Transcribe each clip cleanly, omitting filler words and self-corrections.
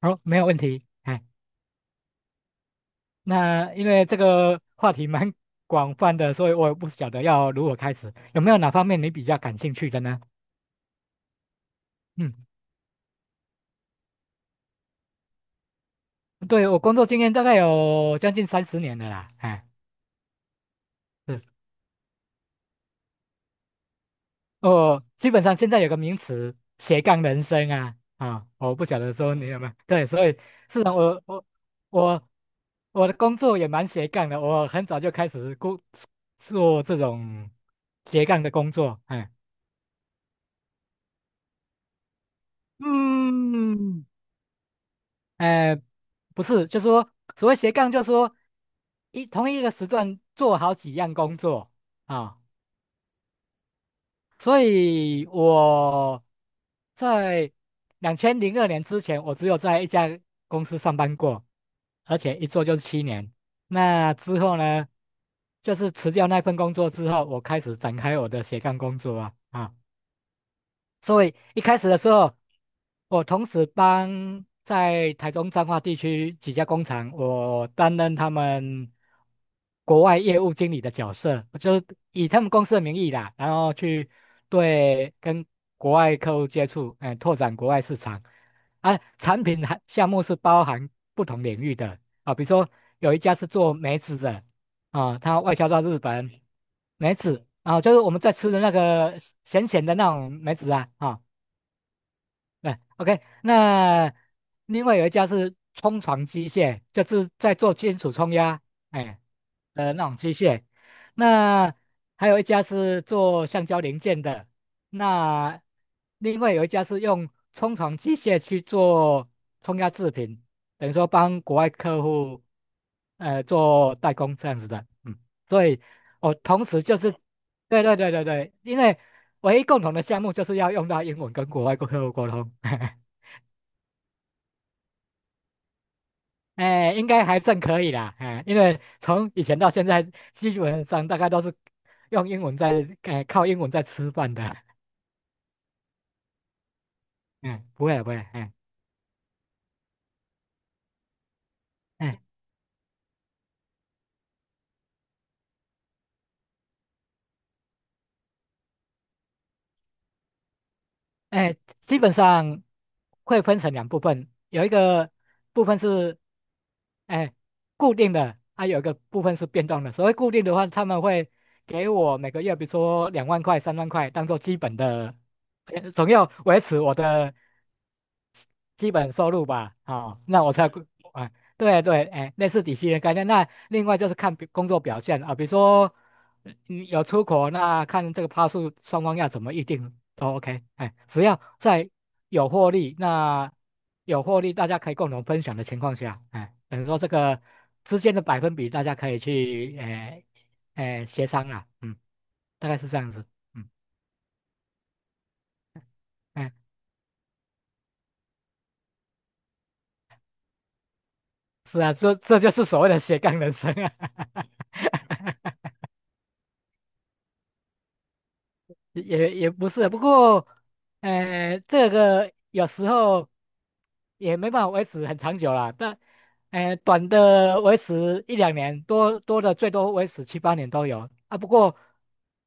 好，没有问题。哎，那因为这个话题蛮 广泛的，所以我也不晓得要如何开始。有没有哪方面你比较感兴趣的呢？嗯，对，我工作经验大概有将近30年了啦。哎，是，我基本上现在有个名词斜杠人生啊，我不晓得说你有没有对，所以是啊，我我的工作也蛮斜杠的，我很早就开始做这种斜杠的工作。哎，嗯。哎、不是，就说所谓斜杠，就说一个时段做好几样工作啊、所以我在2002年之前，我只有在一家公司上班过，而且一做就是七年。那之后呢，就是辞掉那份工作之后，我开始展开我的斜杠工作啊。所以一开始的时候，我同时帮在台中彰化地区几家工厂，我担任他们国外业务经理的角色，我就是以他们公司的名义啦，然后去对跟国外客户接触，哎，拓展国外市场。啊，产品还项目是包含不同领域的啊，比如说有一家是做梅子的，啊，它外销到日本，梅子啊，就是我们在吃的那个咸咸的那种梅子啊，啊、对，OK,那另外有一家是冲床机械，就是在做金属冲压，哎，那种机械。那还有一家是做橡胶零件的，那另外有一家是用冲床机械去做冲压制品，等于说帮国外客户，做代工这样子的，嗯，所以我同时就是，对对对对对，因为唯一共同的项目就是要用到英文跟国外客户沟通。哎，应该还算可以啦，哎，因为从以前到现在，基本上大概都是用英文在，哎，靠英文在吃饭的，嗯，不会啊不会啊，嗯哎。哎，基本上会分成两部分，有一个部分是哎固定的，还、有一个部分是变动的。所谓固定的话，他们会给我每个月，比如说2万块、3万块，当做基本的，总要维持我的基本收入吧，好、那我才估啊，对对，哎，类似底薪的概念。那另外就是看表工作表现啊，比如说你有出口，那看这个趴数双方要怎么预定都 OK,哎，只要在有获利，那有获利大家可以共同分享的情况下，哎，等于说这个之间的百分比大家可以去哎哎协商啊，嗯，大概是这样子，嗯，哎，是啊，这这就是所谓的斜杠人生啊。也也不是，不过，这个有时候也没办法维持很长久啦。但，短的维持一两年，多多的最多维持七八年都有啊。不过，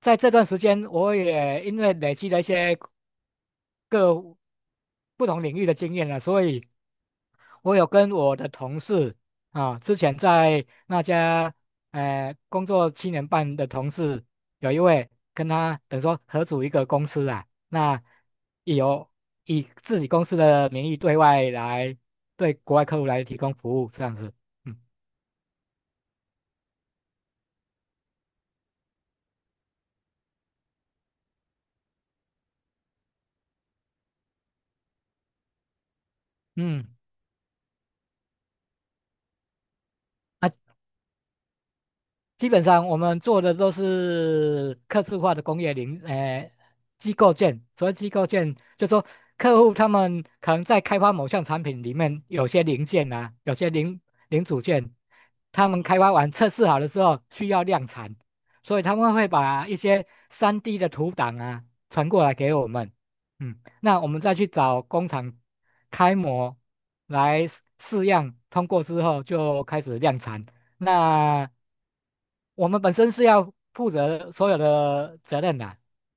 在这段时间，我也因为累积了一些各不同领域的经验了，所以我有跟我的同事啊，之前在那家工作7年半的同事，有一位跟他等于说合组一个公司啊，那也有以自己公司的名义对外来对国外客户来提供服务这样子，嗯嗯。那基本上我们做的都是客制化的工业零，机构件。所谓机构件，就说客户他们可能在开发某项产品里面，有些零件啊，有些零组件，他们开发完测试好了之后需要量产，所以他们会把一些 3D 的图档啊传过来给我们，嗯，那我们再去找工厂开模来试试样，通过之后就开始量产。那我们本身是要负责所有的责任的，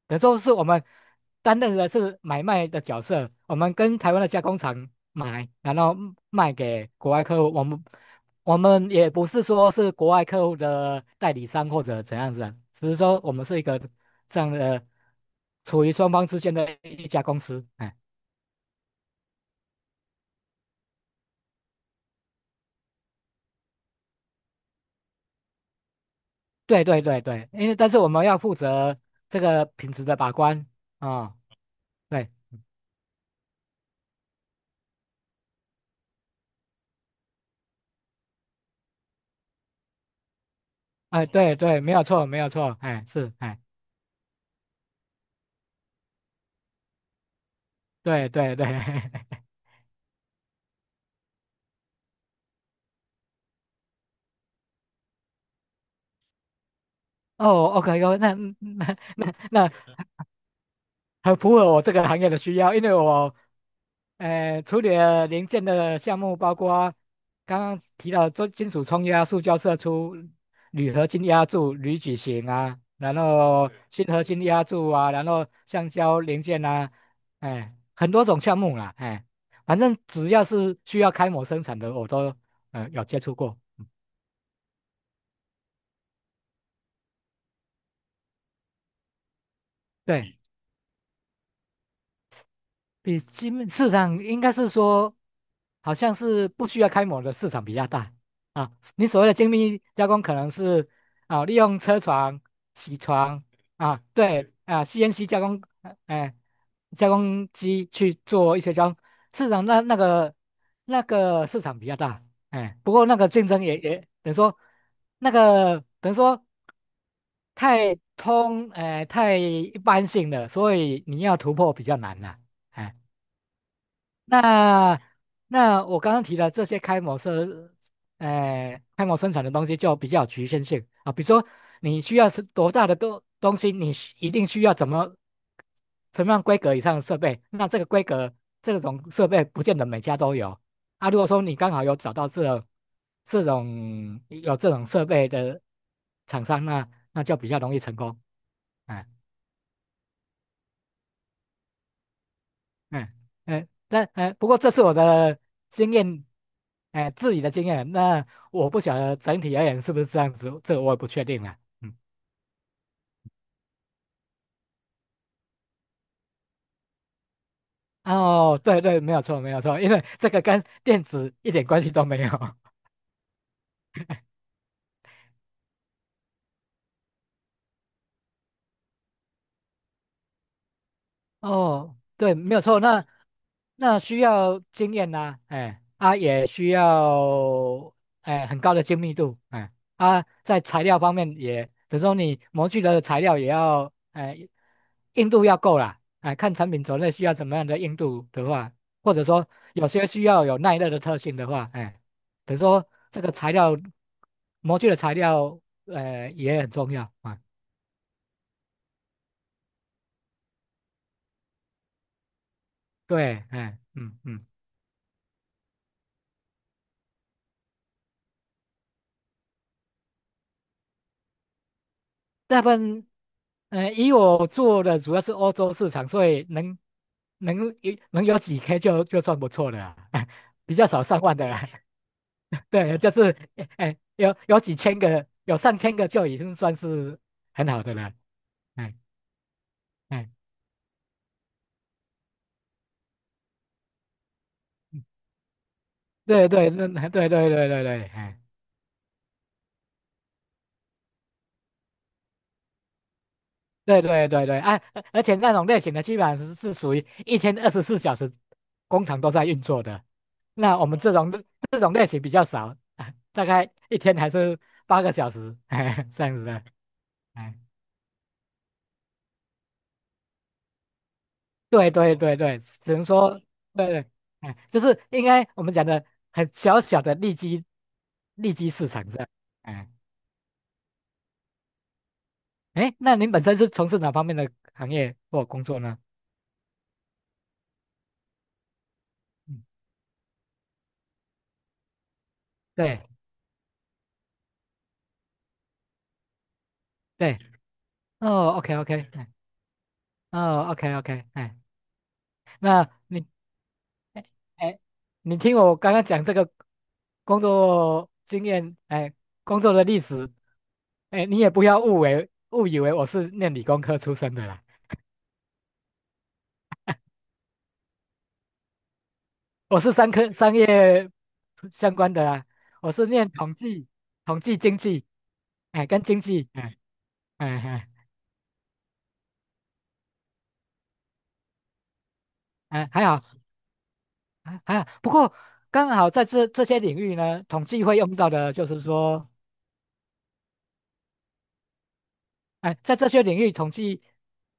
等于说是我们担任的是买卖的角色，我们跟台湾的加工厂买，然后卖给国外客户，我们也不是说是国外客户的代理商或者怎样子啊，只是说我们是一个这样的处于双方之间的一家公司，哎，对对对对，因为但是我们要负责这个品质的把关啊。哦对，哎，对对，没有错，没有错，哎，是，哎。对对对，哦，OK OK,那很符合我这个行业的需要，因为我，处理了零件的项目包括刚刚提到做金属冲压、塑胶射出、铝合金压铸、铝矩形啊，然后锌合金压铸啊，然后橡胶零件啊，哎，很多种项目啦，哎，反正只要是需要开模生产的，我都有接触过，对。比基本市场应该是说，好像是不需要开模的市场比较大啊。你所谓的精密加工，可能是啊利用车床、铣床啊，对啊 CNC 加工，加工机去做一些加工。市场那个市场比较大，哎，不过那个竞争也等于说等于说太通，哎、太一般性了，所以你要突破比较难了。哎那那我刚刚提的这些开模生，呃，开模生产的东西就比较有局限性啊。比如说，你需要是多大的东西，你一定需要怎么什么样规格以上的设备。那这个规格这种设备不见得每家都有啊。如果说你刚好有找到这种有这种设备的厂商，那那就比较容易成功。哎嗯嗯，那哎，不过这是我的经验，哎，自己的经验。那我不晓得整体而言是不是这样子，这个我也不确定了。嗯，哦，对对，没有错，没有错，因为这个跟电子一点关系都没有。哦，对，没有错。那那需要经验呐、哎，啊也需要哎很高的精密度，哎啊在材料方面也，等如说你模具的材料也要哎硬度要够啦，哎看产品种类需要怎么样的硬度的话，或者说有些需要有耐热的特性的话，哎，等如说这个材料模具的材料，也很重要啊，对，哎嗯嗯。大部分，以我做的主要是欧洲市场，所以能有几 K 就就算不错了啊，比较少上万的啦。对，就是哎、哎有几千个，有上千个就已经算是很好的了。哎哎，嗯对对对对对对对对，哎。对对对对，哎，而且那种类型的基本上是是属于一天24小时工厂都在运作的，那我们这种这种类型比较少，大概一天还是8个小时，哎这样子的。哎，对对对对，只能说对对，哎，就是应该我们讲的很小小的利基市场这样。哎哎，那您本身是从事哪方面的行业或工作呢？嗯，对对，哦，OK OK,哎，哦，OK OK,哎。那你，哎哎，你听我刚刚讲这个工作经验，哎，工作的历史，哎，你也不要误以为我是念理工科出身的啦，我是商科商业相关的啦，我是念统计、统计经济，哎，跟经济，哎哎哎哎，还好，不过刚好在这这些领域呢，统计会用到的就是说。哎，在这些领域，统计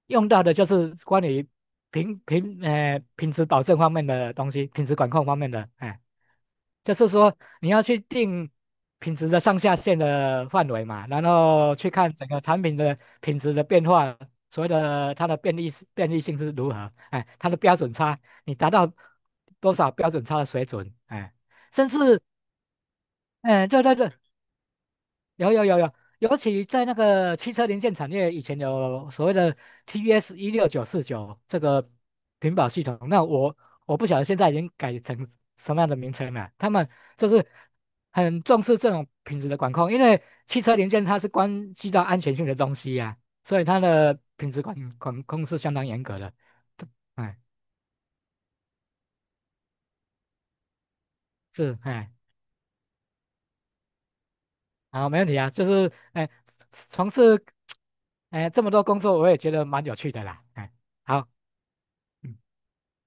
用到的就是关于品质保证方面的东西，品质管控方面的，哎，就是说你要去定品质的上下限的范围嘛，然后去看整个产品的品质的变化，所谓的它的便利性是如何，哎，它的标准差，你达到多少标准差的水准，哎，甚至，哎，对对对，有有有有，尤其在那个汽车零件产业，以前有所谓的 TS16949这个屏保系统，那我不晓得现在已经改成什么样的名称了。他们就是很重视这种品质的管控，因为汽车零件它是关系到安全性的东西呀、所以它的品质管控是相当严格的。哎，是哎，好，没问题啊，就是哎，从事哎这么多工作，我也觉得蛮有趣的啦。哎，好。嗯